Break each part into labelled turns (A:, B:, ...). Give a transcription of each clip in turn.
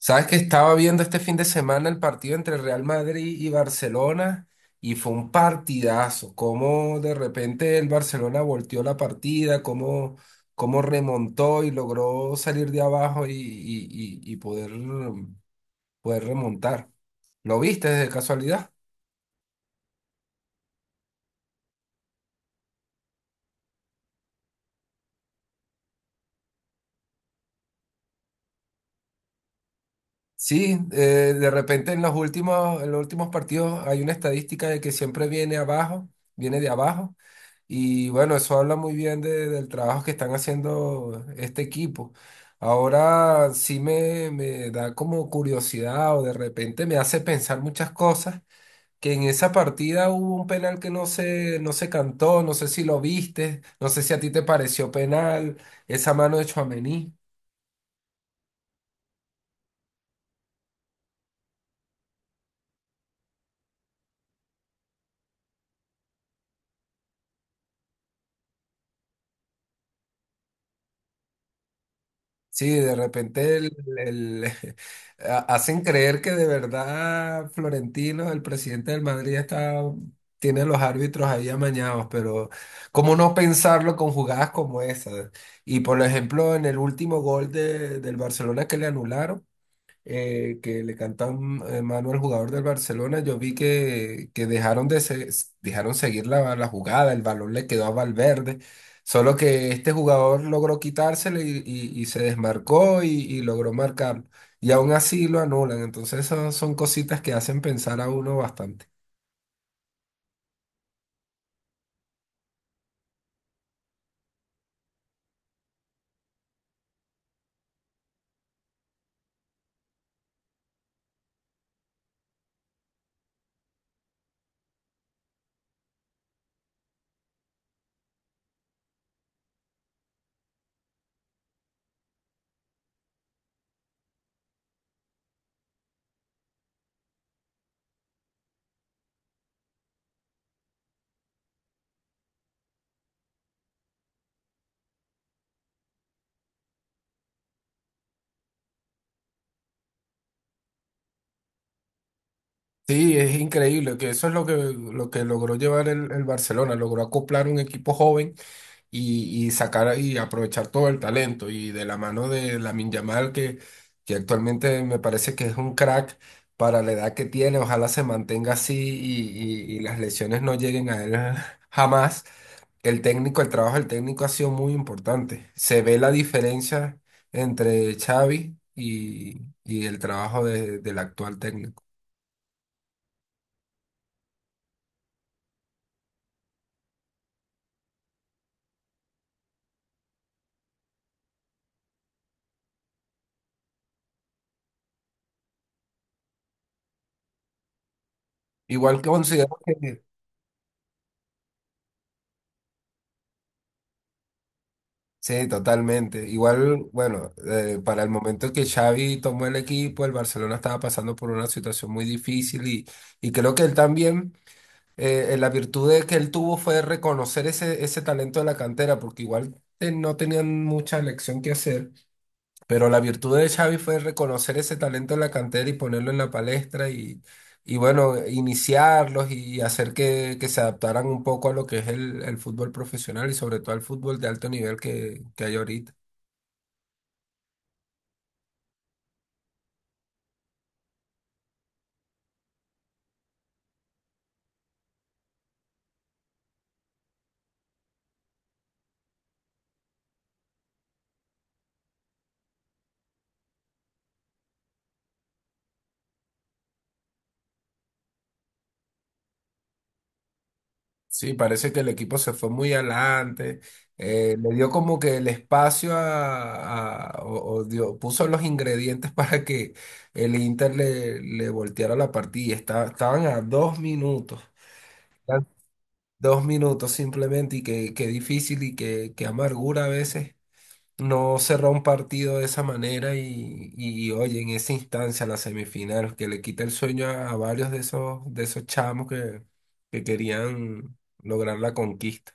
A: Sabes que estaba viendo este fin de semana el partido entre Real Madrid y Barcelona y fue un partidazo. Cómo de repente el Barcelona volteó la partida, cómo remontó y logró salir de abajo y poder, poder remontar. ¿Lo viste de casualidad? Sí, de repente en en los últimos partidos hay una estadística de que siempre viene abajo, viene de abajo. Y bueno, eso habla muy bien del trabajo que están haciendo este equipo. Ahora sí me da como curiosidad o de repente me hace pensar muchas cosas, que en esa partida hubo un penal que no se cantó, no sé si lo viste, no sé si a ti te pareció penal, esa mano de Tchouaméni. Sí, de repente el- hacen creer que de verdad Florentino, el presidente del Madrid, está, tiene a los árbitros ahí amañados, pero ¿cómo no pensarlo con jugadas como esa? Y por ejemplo, en el último gol del Barcelona que le anularon que le canta un mano al jugador del Barcelona, yo vi que dejaron seguir la jugada, el balón le quedó a Valverde, solo que este jugador logró quitárselo y se desmarcó y logró marcarlo. Y aún así lo anulan, entonces esas son cositas que hacen pensar a uno bastante. Sí, es increíble que eso es lo que logró llevar el Barcelona, logró acoplar un equipo joven y sacar y aprovechar todo el talento. Y de la mano de Lamine Yamal, que actualmente me parece que es un crack para la edad que tiene, ojalá se mantenga así y las lesiones no lleguen a él jamás. El técnico, el trabajo del técnico ha sido muy importante. Se ve la diferencia entre Xavi y el trabajo del actual técnico. Igual que considero que sí, totalmente. Igual, bueno, para el momento que Xavi tomó el equipo, el Barcelona estaba pasando por una situación muy difícil y creo que él también, la virtud de que él tuvo fue reconocer ese talento de la cantera, porque igual no tenían mucha elección que hacer, pero la virtud de Xavi fue reconocer ese talento de la cantera y ponerlo en la palestra y bueno, iniciarlos y hacer que se adaptaran un poco a lo que es el fútbol profesional y sobre todo al fútbol de alto nivel que hay ahorita. Sí, parece que el equipo se fue muy adelante, le dio como que el espacio a puso los ingredientes para que el Inter le volteara la partida. Estaban a dos minutos, eran dos minutos simplemente y qué difícil y qué amargura a veces no cerrar un partido de esa manera y oye, en esa instancia, la semifinal, que le quita el sueño a varios de de esos chamos que querían lograr la conquista.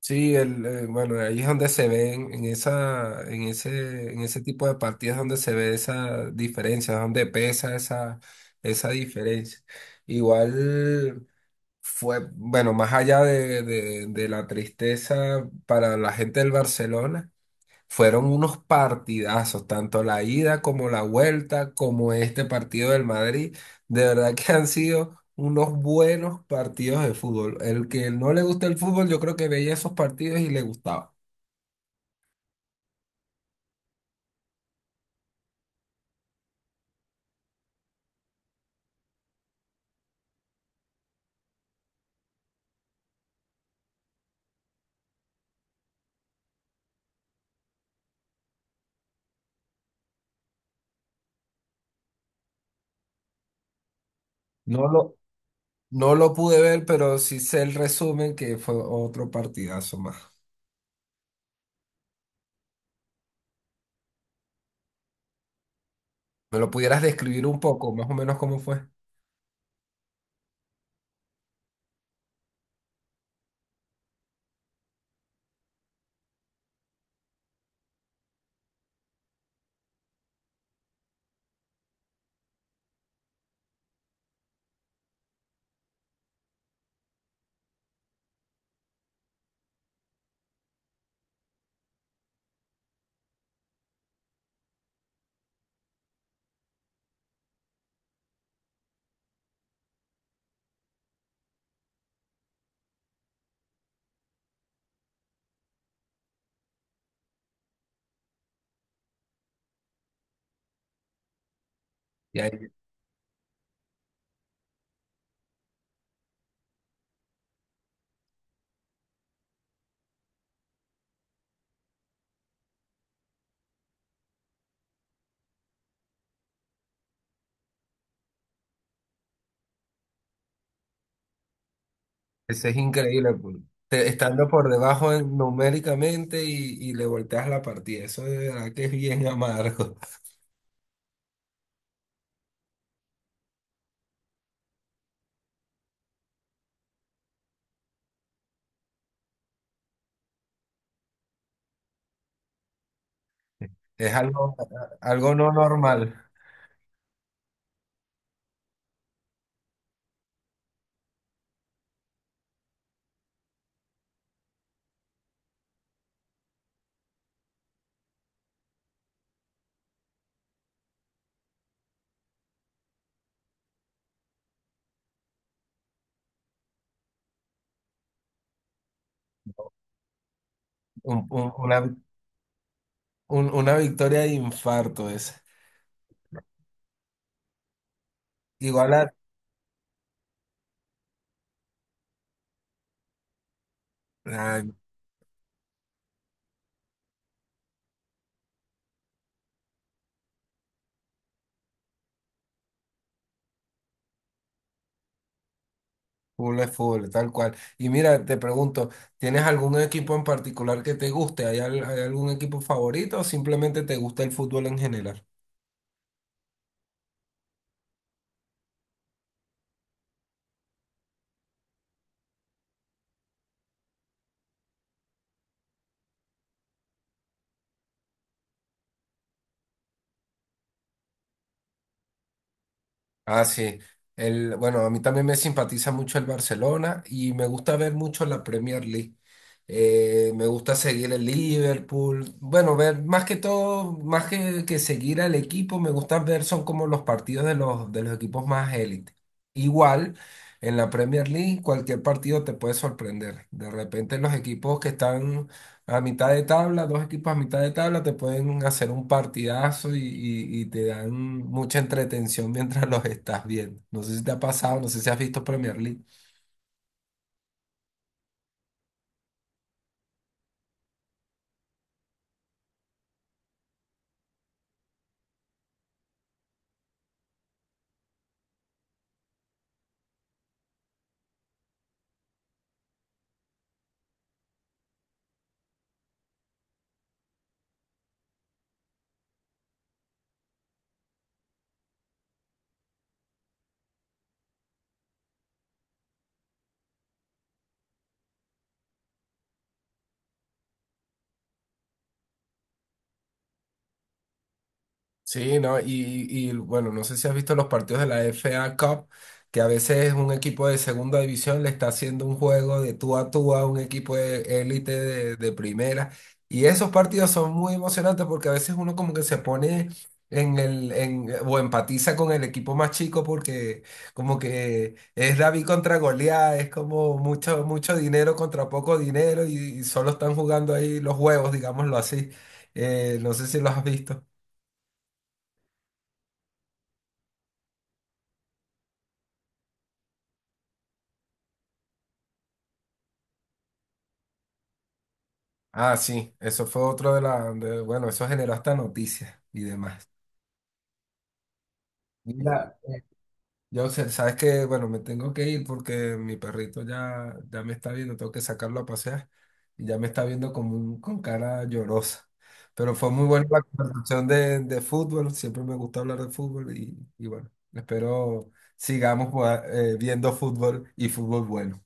A: Sí, bueno, ahí es donde se ven, en ese tipo de partidas donde se ve esa diferencia, donde pesa esa diferencia. Igual fue, bueno, más allá de la tristeza para la gente del Barcelona, fueron unos partidazos, tanto la ida como la vuelta, como este partido del Madrid. De verdad que han sido unos buenos partidos de fútbol. El que no le gusta el fútbol, yo creo que veía esos partidos y le gustaba. No lo, no lo pude ver, pero sí sé el resumen que fue otro partidazo más. ¿Me lo pudieras describir un poco, más o menos cómo fue? Y ahí, ese es increíble, pues. Estando por debajo numéricamente y le volteas la partida. Eso de verdad que es bien amargo. Es algo, algo no normal. Un- un- una, una victoria de infarto es. Igual a... Ay, full es full, tal cual. Y mira, te pregunto, ¿tienes algún equipo en particular que te guste? ¿Hay algún equipo favorito o simplemente te gusta el fútbol en general? Ah, sí. El, bueno, a mí también me simpatiza mucho el Barcelona y me gusta ver mucho la Premier League. Me gusta seguir el Liverpool. Bueno, ver más que todo, que seguir al equipo, me gusta ver son como los partidos de de los equipos más élite. Igual, en la Premier League, cualquier partido te puede sorprender. De repente los equipos que están a mitad de tabla, dos equipos a mitad de tabla te pueden hacer un partidazo y te dan mucha entretención mientras los estás viendo. No sé si te ha pasado, no sé si has visto Premier League. Sí, ¿no? Y bueno, no sé si has visto los partidos de la FA Cup, que a veces un equipo de segunda división le está haciendo un juego de tú a tú a un equipo de élite de primera. Y esos partidos son muy emocionantes porque a veces uno como que se pone en el, en, o empatiza con el equipo más chico porque como que es David contra Goliat, es como mucho, mucho dinero contra poco dinero y solo están jugando ahí los huevos, digámoslo así. No sé si los has visto. Ah, sí, eso fue otro de la. Bueno, eso generó hasta noticias y demás. Mira, sabes que, bueno, me tengo que ir porque mi perrito ya me está viendo, tengo que sacarlo a pasear y ya me está viendo como con cara llorosa. Pero fue muy buena la conversación de fútbol, siempre me gusta hablar de fútbol y bueno, espero sigamos jugando, viendo fútbol y fútbol bueno.